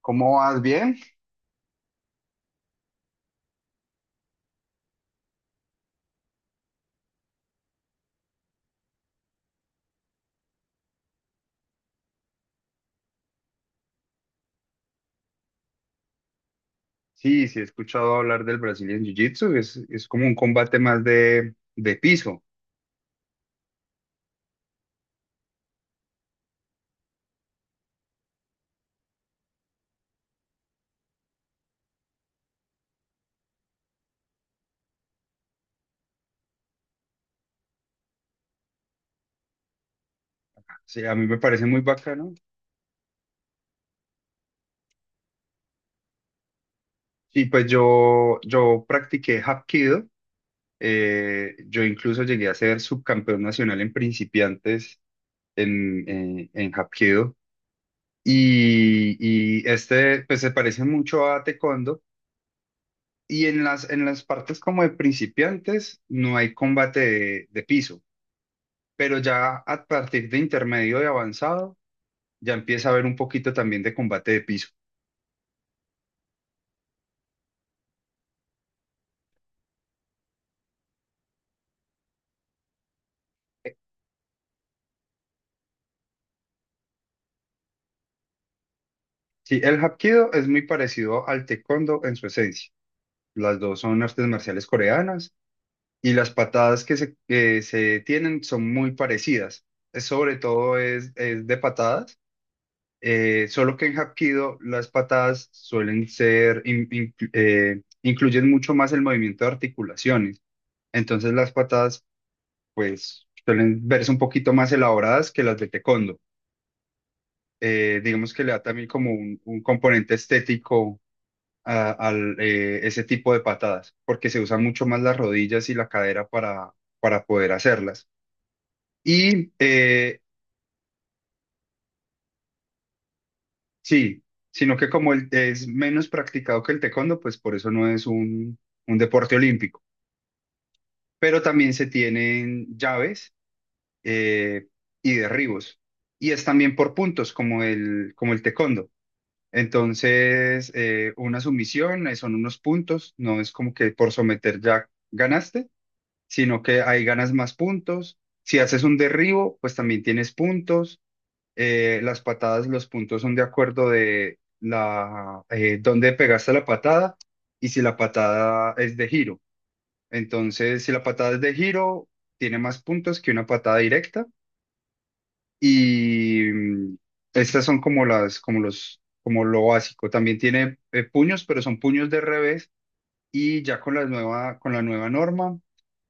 ¿Cómo vas? ¿Bien? Sí, sí, he escuchado hablar del Brazilian Jiu-Jitsu. Es como un combate más de piso. Sí, a mí me parece muy bacano. Y pues yo practiqué Hapkido. Yo incluso llegué a ser subcampeón nacional en principiantes en Hapkido. Y, pues se parece mucho a Taekwondo. Y en las partes como de principiantes no hay combate de piso, pero ya a partir de intermedio y avanzado ya empieza a haber un poquito también de combate de piso. Sí, el Hapkido es muy parecido al Taekwondo en su esencia. Las dos son artes marciales coreanas y las patadas que se tienen son muy parecidas. Es sobre todo es de patadas, solo que en Hapkido las patadas suelen incluyen mucho más el movimiento de articulaciones. Entonces las patadas pues suelen verse un poquito más elaboradas que las de Taekwondo. Digamos que le da también como un componente estético al ese tipo de patadas, porque se usan mucho más las rodillas y la cadera para poder hacerlas. Y sí, sino que es menos practicado que el taekwondo, pues por eso no es un deporte olímpico. Pero también se tienen llaves, eh, y derribos. Y es también por puntos, como el taekwondo. Entonces, una sumisión, son unos puntos, no es como que por someter ya ganaste, sino que ahí ganas más puntos. Si haces un derribo, pues también tienes puntos. Las patadas, los puntos son de acuerdo de la dónde pegaste la patada y si la patada es de giro. Entonces, si la patada es de giro, tiene más puntos que una patada directa. Y mm, Estas son como lo básico. También tiene puños, pero son puños de revés. Y ya con la nueva norma,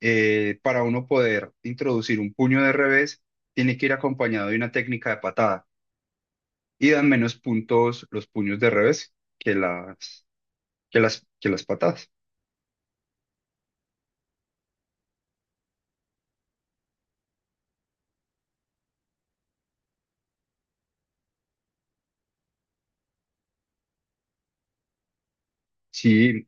para uno poder introducir un puño de revés, tiene que ir acompañado de una técnica de patada. Y dan menos puntos los puños de revés que las patadas. Sí,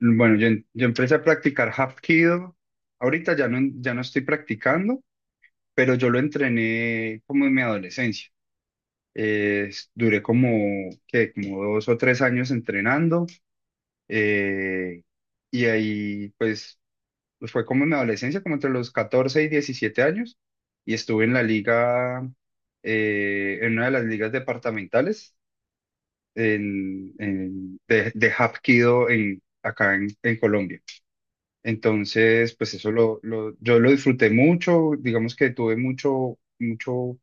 yo empecé a practicar Hapkido. Ahorita ya no estoy practicando, pero yo lo entrené como en mi adolescencia. Eh, Duré como, ¿qué, como dos o tres años entrenando? Eh, y ahí pues Pues fue como en mi adolescencia, como entre los 14 y 17 años, y estuve en la liga, en una de las ligas departamentales de Hapkido en, acá en Colombia. Entonces pues yo lo disfruté mucho, digamos que tuve mucho,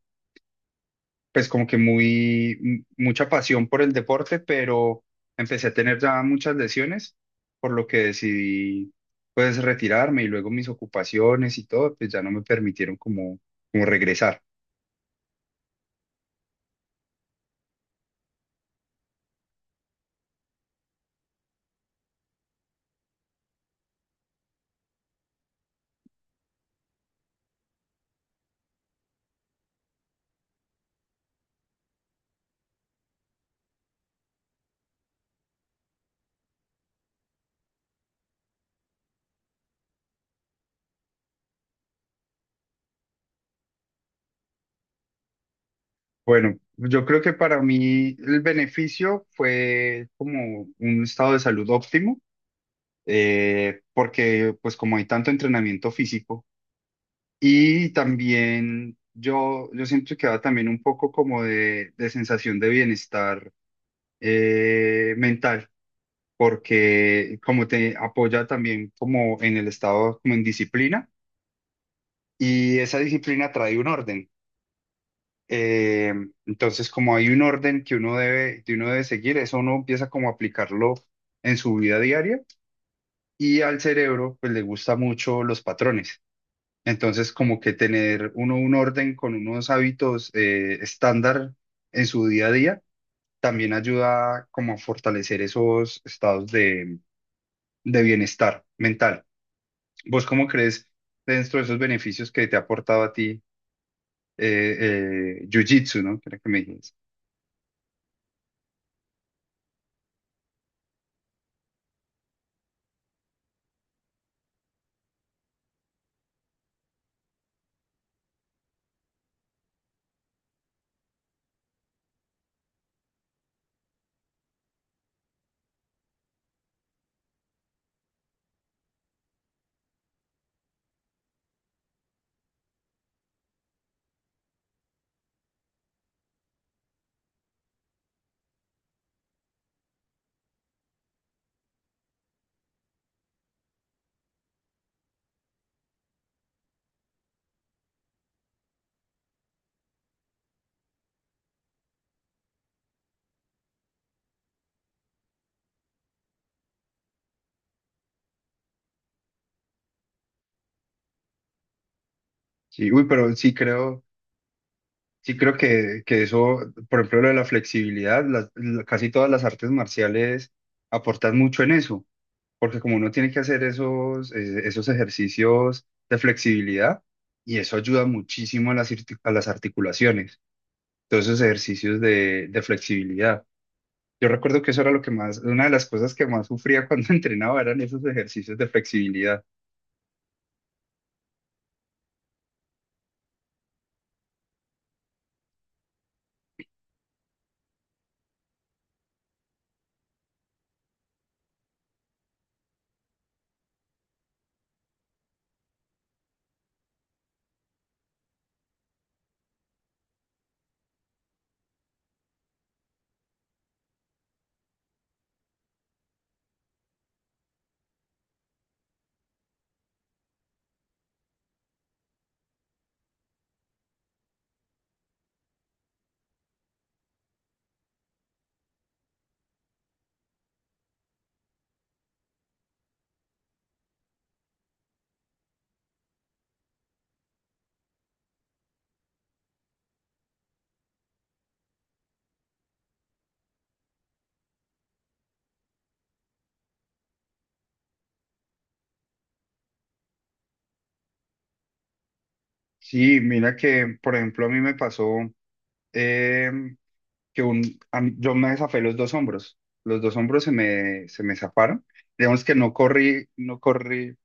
pues como que mucha pasión por el deporte, pero empecé a tener ya muchas lesiones, por lo que decidí pues retirarme, y luego mis ocupaciones y todo, pues ya no me permitieron como regresar. Bueno, yo creo que para mí el beneficio fue como un estado de salud óptimo, porque pues como hay tanto entrenamiento físico. Y también yo siempre quedaba también un poco como de sensación de bienestar, mental, porque como te apoya también como en el estado, como en disciplina, y esa disciplina trae un orden. Eh, entonces, como hay un orden que uno debe seguir, eso uno empieza como a aplicarlo en su vida diaria, y al cerebro pues le gusta mucho los patrones. Entonces, como que tener uno un orden con unos hábitos, estándar, en su día a día, también ayuda como a fortalecer esos estados de bienestar mental. ¿Vos cómo crees, dentro de esos beneficios que te ha aportado a ti, Jiu-Jitsu, ¿no? Que era que me dijiste. Sí, uy, pero sí creo que eso, por ejemplo, lo de la flexibilidad, casi todas las artes marciales aportan mucho en eso, porque como uno tiene que hacer esos, esos ejercicios de flexibilidad, y eso ayuda muchísimo a a las articulaciones, todos esos ejercicios de flexibilidad. Yo recuerdo que eso era lo que más, una de las cosas que más sufría cuando entrenaba eran esos ejercicios de flexibilidad. Sí, mira que, por ejemplo, a mí me pasó em, que un, a mí- yo me zafé los dos hombros. Los dos hombros se me zafaron. Digamos que no corrí, o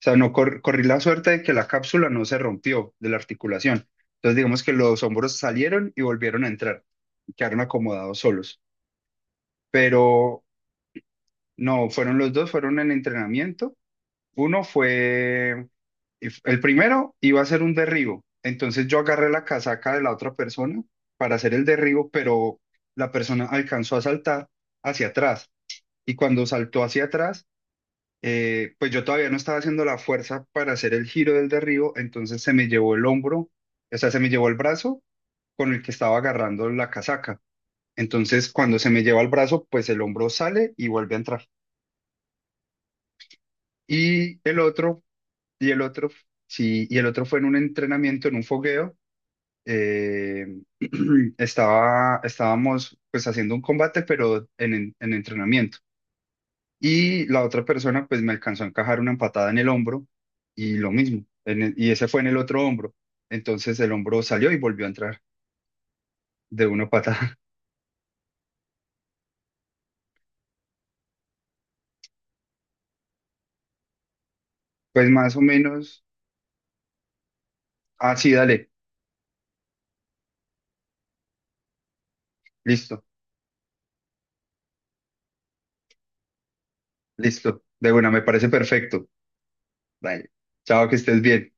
sea, no cor- corrí la suerte de que la cápsula no se rompió de la articulación. Entonces, digamos que los hombros salieron y volvieron a entrar y quedaron acomodados solos. Pero no, fueron los dos, fueron en entrenamiento. Uno fue, el primero iba a ser un derribo, entonces yo agarré la casaca de la otra persona para hacer el derribo, pero la persona alcanzó a saltar hacia atrás, y cuando saltó hacia atrás, pues yo todavía no estaba haciendo la fuerza para hacer el giro del derribo, entonces se me llevó el hombro, o sea, se me llevó el brazo con el que estaba agarrando la casaca. Entonces cuando se me lleva el brazo, pues el hombro sale y vuelve a entrar. Y el otro Y el otro, sí, y el otro fue en un entrenamiento, en un fogueo. eh, estábamos pues haciendo un combate, pero en entrenamiento. Y la otra persona pues me alcanzó a encajar una empatada en el hombro, y lo mismo, y ese fue en el otro hombro. Entonces el hombro salió y volvió a entrar de una patada. Pues más o menos. Ah, sí, dale. Listo, listo. De buena me parece perfecto. Dale. Chao, que estés bien.